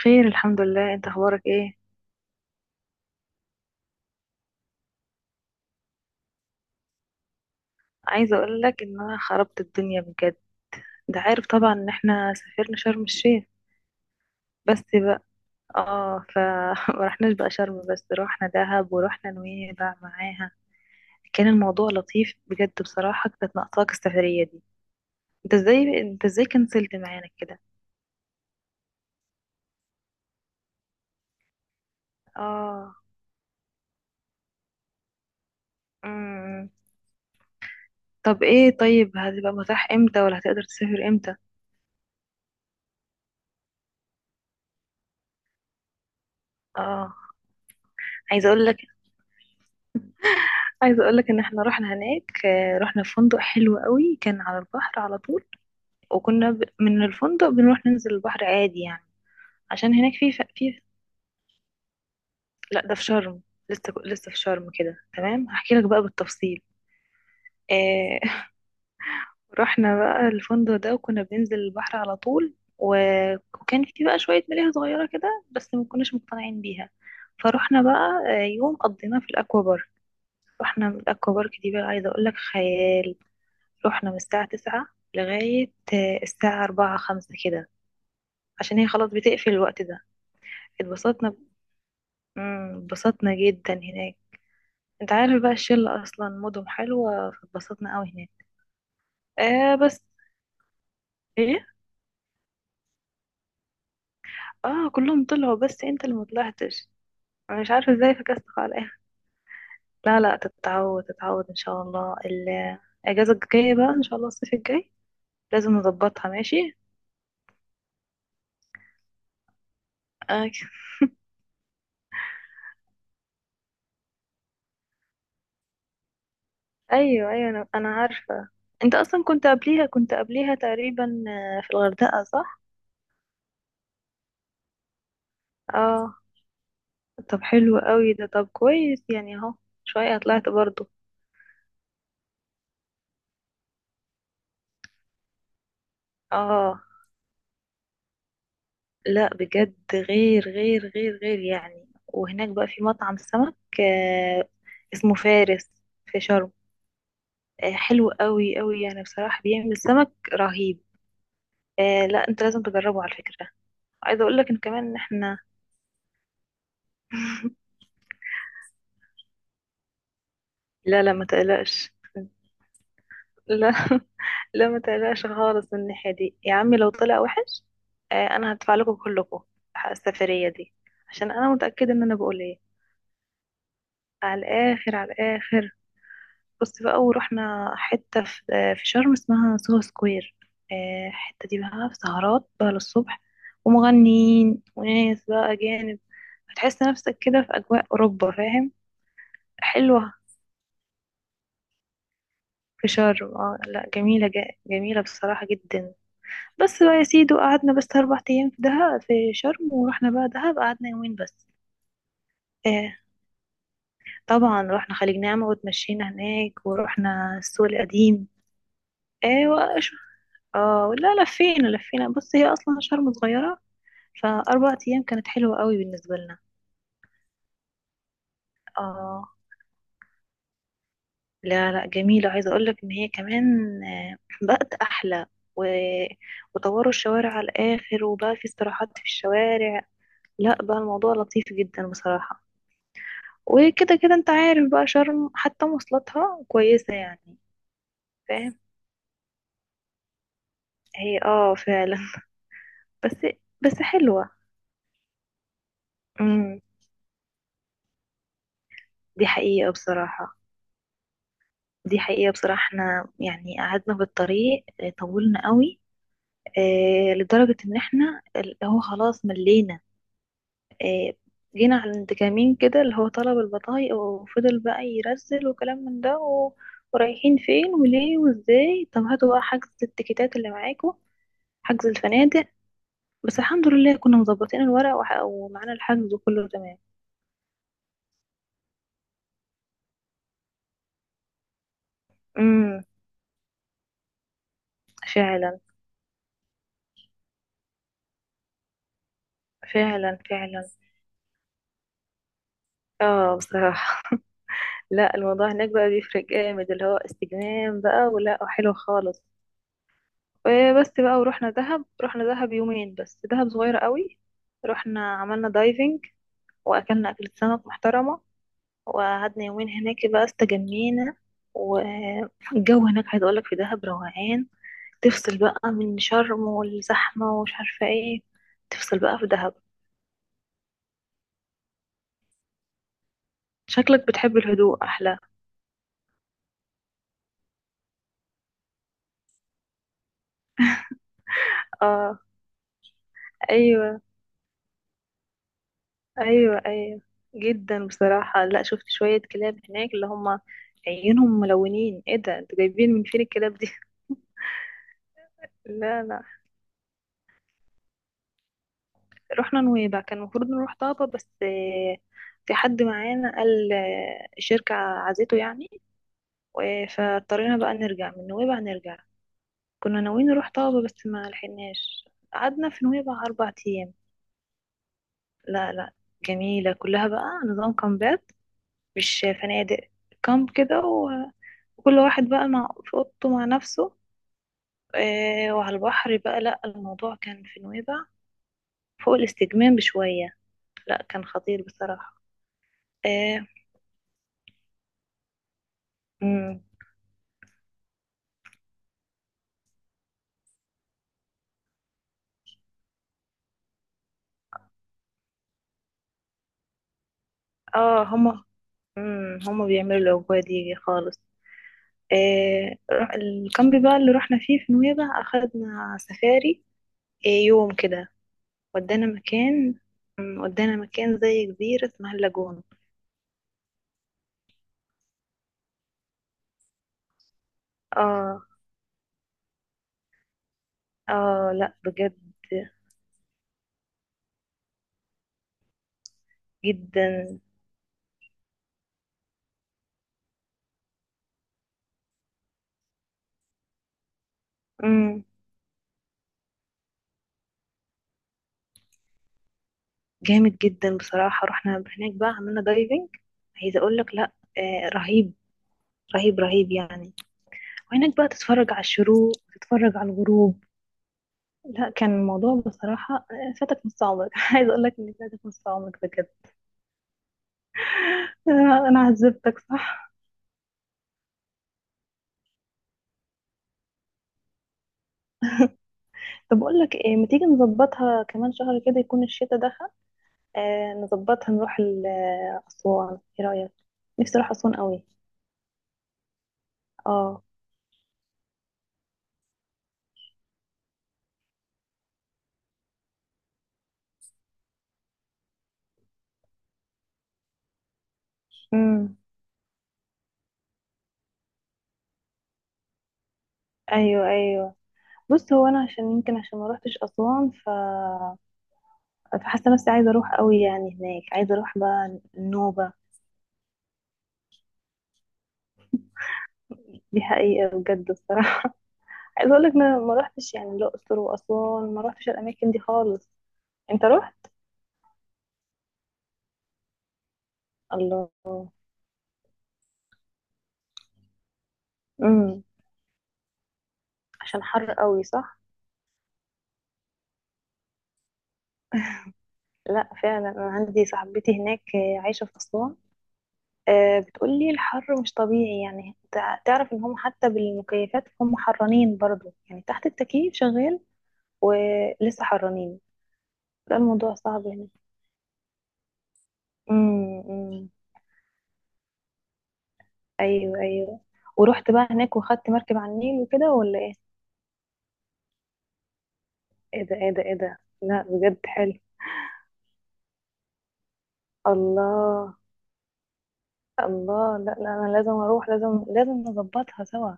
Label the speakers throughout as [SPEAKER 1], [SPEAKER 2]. [SPEAKER 1] خير، الحمد لله. انت اخبارك ايه؟ عايزه اقول لك ان انا خربت الدنيا بجد. انت عارف طبعا ان احنا سافرنا شرم الشيخ، بس بقى. اه ما رحناش بقى شرم، بس روحنا دهب ورحنا نويبع معاها. كان الموضوع لطيف بجد بصراحه، كانت ناقصاك السفريه دي. انت ازاي كنسلت معانا كده؟ اه. امم. طب ايه، طيب هتبقى متاح امتى، ولا هتقدر تسافر امتى؟ اه. عايزه اقول لك عايزة اقولك ان احنا رحنا هناك. آه، رحنا فندق حلو قوي، كان على البحر على طول. وكنا من الفندق بنروح ننزل البحر عادي يعني. عشان هناك في. لا، ده في شرم. لسه في شرم كده، تمام. هحكي لك بقى بالتفصيل. آه... رحنا بقى الفندق ده، وكنا بننزل البحر على طول. و... وكان في بقى شوية ملاهي صغيرة كده، بس ما كناش مقتنعين بيها. فرحنا بقى آه، يوم قضيناه في الاكوا بارك. رحنا الاكوا بارك دي، بقى عايزة اقولك خيال. رحنا من الساعة 9 لغاية آه، الساعة أربعة خمسة كده، عشان هي خلاص بتقفل الوقت ده. اتبسطنا، مم، اتبسطنا جدا هناك. انت عارف بقى الشلة أصلا مودهم حلوة، فاتبسطنا قوي هناك. آه بس. ايه. اه، كلهم طلعوا بس انت اللي مطلعتش. انا مش عارفة ازاي فكستك على الآخر. لا لا، تتعود تتعود ان شاء الله. الأجازة الجاية بقى ان شاء الله، الصيف الجاي لازم نظبطها، ماشي. آه. ايوه ايوه، انا عارفه. انت اصلا كنت قبليها، كنت قبليها تقريبا آه، في الغردقه صح. اه. طب حلو قوي ده، طب كويس يعني اهو. شويه طلعت برضو. اه، لا بجد غير غير غير غير يعني. وهناك بقى في مطعم سمك، آه، اسمه فارس، في شرم. آه، حلو قوي قوي يعني بصراحه، بيعمل سمك رهيب. آه لا، انت لازم تجربه على فكره. عايزه اقول لك ان كمان احنا. لا لا، ما تقلقش. لا لا ما تقلقش خالص من الناحية دي يا عمي، لو طلع وحش. آه انا هدفع لكم كلكم حق السفرية دي، عشان انا متأكدة ان انا بقول ايه. على الاخر، على الاخر. بصي بقى، ورحنا حتة في, آه في شرم اسمها سوهو سكوير. آه الحتة دي بقى في سهرات بقى للصبح، ومغنيين وناس بقى أجانب. هتحس نفسك كده في أجواء أوروبا، فاهم. حلوة في شرم، اه، لا جميلة جميلة بصراحة جدا. بس بقى يا سيدي، وقعدنا بس 4 أيام في دهب في شرم، ورحنا بقى دهب قعدنا يومين بس. آه، طبعا رحنا خليج نعمة وتمشينا هناك، ورحنا السوق القديم. آه اه لا، لفينا لفينا. بص هي أصلا شرم صغيرة، فأربع أيام كانت حلوة قوي بالنسبة لنا. اه، لا لا جميلة، عايزة أقولك إن هي كمان آه، بقت أحلى. و... وطوروا الشوارع على الآخر، وبقى في استراحات في الشوارع. لا بقى الموضوع لطيف جدا بصراحة. وكده كده انت عارف بقى شرم حتى مواصلاتها كويسة يعني. فاهم. هي اه فعلا بس. بس حلوة. امم. دي حقيقة بصراحة، دي حقيقة بصراحة احنا يعني قعدنا في الطريق اه، طولنا قوي. اه لدرجة ان احنا اللي هو خلاص ملينا. اه. جينا عند كمين كده، اللي هو طلب البطايق، وفضل بقى يرسل وكلام من ده ورايحين فين وليه وازاي. طب هاتوا بقى حجز التيكيتات اللي معاكم، حجز الفنادق. بس الحمد لله كنا مظبطين الورق ومعانا الحجز، وكله تمام. امم. فعلا فعلا فعلا. اه بصراحة. لا الموضوع هناك بقى بيفرق جامد، اللي هو استجمام بقى، ولا حلو خالص. آه، بس بقى ورحنا دهب، رحنا دهب يومين بس، دهب صغيرة قوي. رحنا عملنا دايفنج، واكلنا اكلة سمك محترمة، وقعدنا يومين هناك بقى استجمينا. والجو هناك عايز اقولك في دهب روقان. تفصل بقى من شرم والزحمة ومش عارفة ايه. تفصل بقى في دهب. شكلك بتحب الهدوء أحلى. اه. أيوة أيوة أيوة. جدا بصراحة، لا شفت شوية كلاب هناك، اللي هما عيونهم ملونين. ايه ده انتوا جايبين من فين الكلاب دي؟ لا لا. رحنا نويبع، كان المفروض نروح طابة بس آه، في حد معانا قال آه، الشركة عزيته يعني. فاضطرينا بقى نرجع من نويبع نرجع. كنا ناويين نروح طابة بس ما لحقناش. قعدنا في نويبع 4 أيام. لا لا جميلة كلها بقى. نظام كامبات، مش فنادق. كامب كده وكل واحد بقى مع في أوضته مع نفسه. آه، وعلى البحر بقى، لا الموضوع كان في نويبع فوق الاستجمام بشوية. لا كان خطير بصراحة. اه. مم. آه، هما. مم، هما بيعملوا الأجواء دي خالص. آه، الكامب بقى اللي رحنا فيه في نويبع، أخدنا سفاري آه، يوم كده. ودانا مكان. مم، ودانا مكان زي جزيرة اسمها اللاجون. اه اه. لا بجد جدا. مم. جامد جدا بصراحة، رحنا هناك بقى عملنا دايفنج. عايزة اقول لك لا. آه رهيب، رهيب رهيب يعني. وهناك بقى تتفرج على الشروق، تتفرج على الغروب. لا كان الموضوع بصراحة آه، فاتك نص عمرك. عايزة اقول لك ان فاتك نص عمرك بجد. آه انا عذبتك صح. طب اقول لك إيه، ما تيجي نظبطها كمان شهر كده، يكون الشتاء دخل. آه نظبطها آه، أسوان، ايه رأيك؟ نفسي اروح أسوان قوي. اه. امم. ايوه ايوه. بص هو انا عشان يمكن عشان ما روحتش أسوان، ف فحاسة نفسي عايزة اروح قوي يعني هناك، عايزة اروح بقى النوبة. دي حقيقة بجد الصراحة. عايزة اقول لك انا ما روحتش يعني الأقصر وأسوان، ما روحتش الأماكن دي خالص. انت روحت. الله. امم. عشان حر قوي صح. لا فعلا، انا عندي صاحبتي هناك آه، عايشة في أسوان. آه، بتقولي الحر مش طبيعي يعني. تعرف ان هم حتى بالمكيفات هم حرانين برضو، يعني تحت التكييف شغال ولسه حرانين. ده الموضوع صعب هنا. امم. أمم. ايوه ايوه. ورحت بقى هناك، وخدت مركب على النيل وكده، ولا ايه؟ ايه ده، ايه ده، ايه ده. لا بجد حلو. الله الله. لا لا، انا لازم اروح، لازم لازم نظبطها سوا.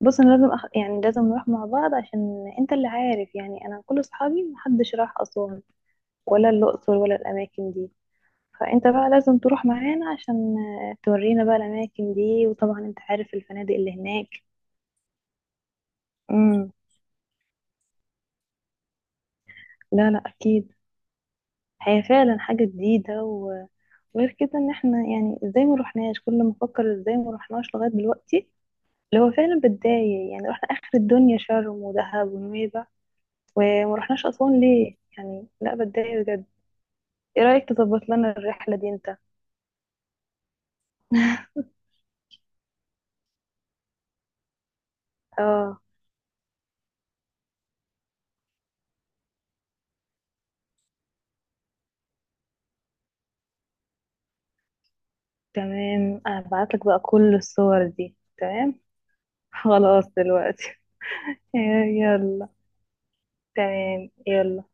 [SPEAKER 1] بص انا يعني لازم نروح مع بعض، عشان انت اللي عارف يعني انا كل اصحابي محدش راح اسوان ولا الأقصر ولا الأماكن دي. فأنت بقى لازم تروح معانا عشان آه، تورينا بقى الأماكن دي. وطبعا أنت عارف الفنادق اللي هناك. امم. لا لا أكيد. هي فعلا حاجة جديدة وغير كده، إن احنا يعني ازاي ما روحناش. كل ما أفكر ازاي ما روحناش لغاية دلوقتي، اللي هو فعلا بتضايق، يعني رحنا آخر الدنيا شرم ودهب ونويبع، وما روحناش أسوان ليه يعني. لا بتضايق بجد. ايه رأيك تظبط لنا الرحلة دي انت؟ اه تمام، هبعتلك بقى كل الصور دي، تمام. خلاص دلوقتي. يلا. تمام يلا.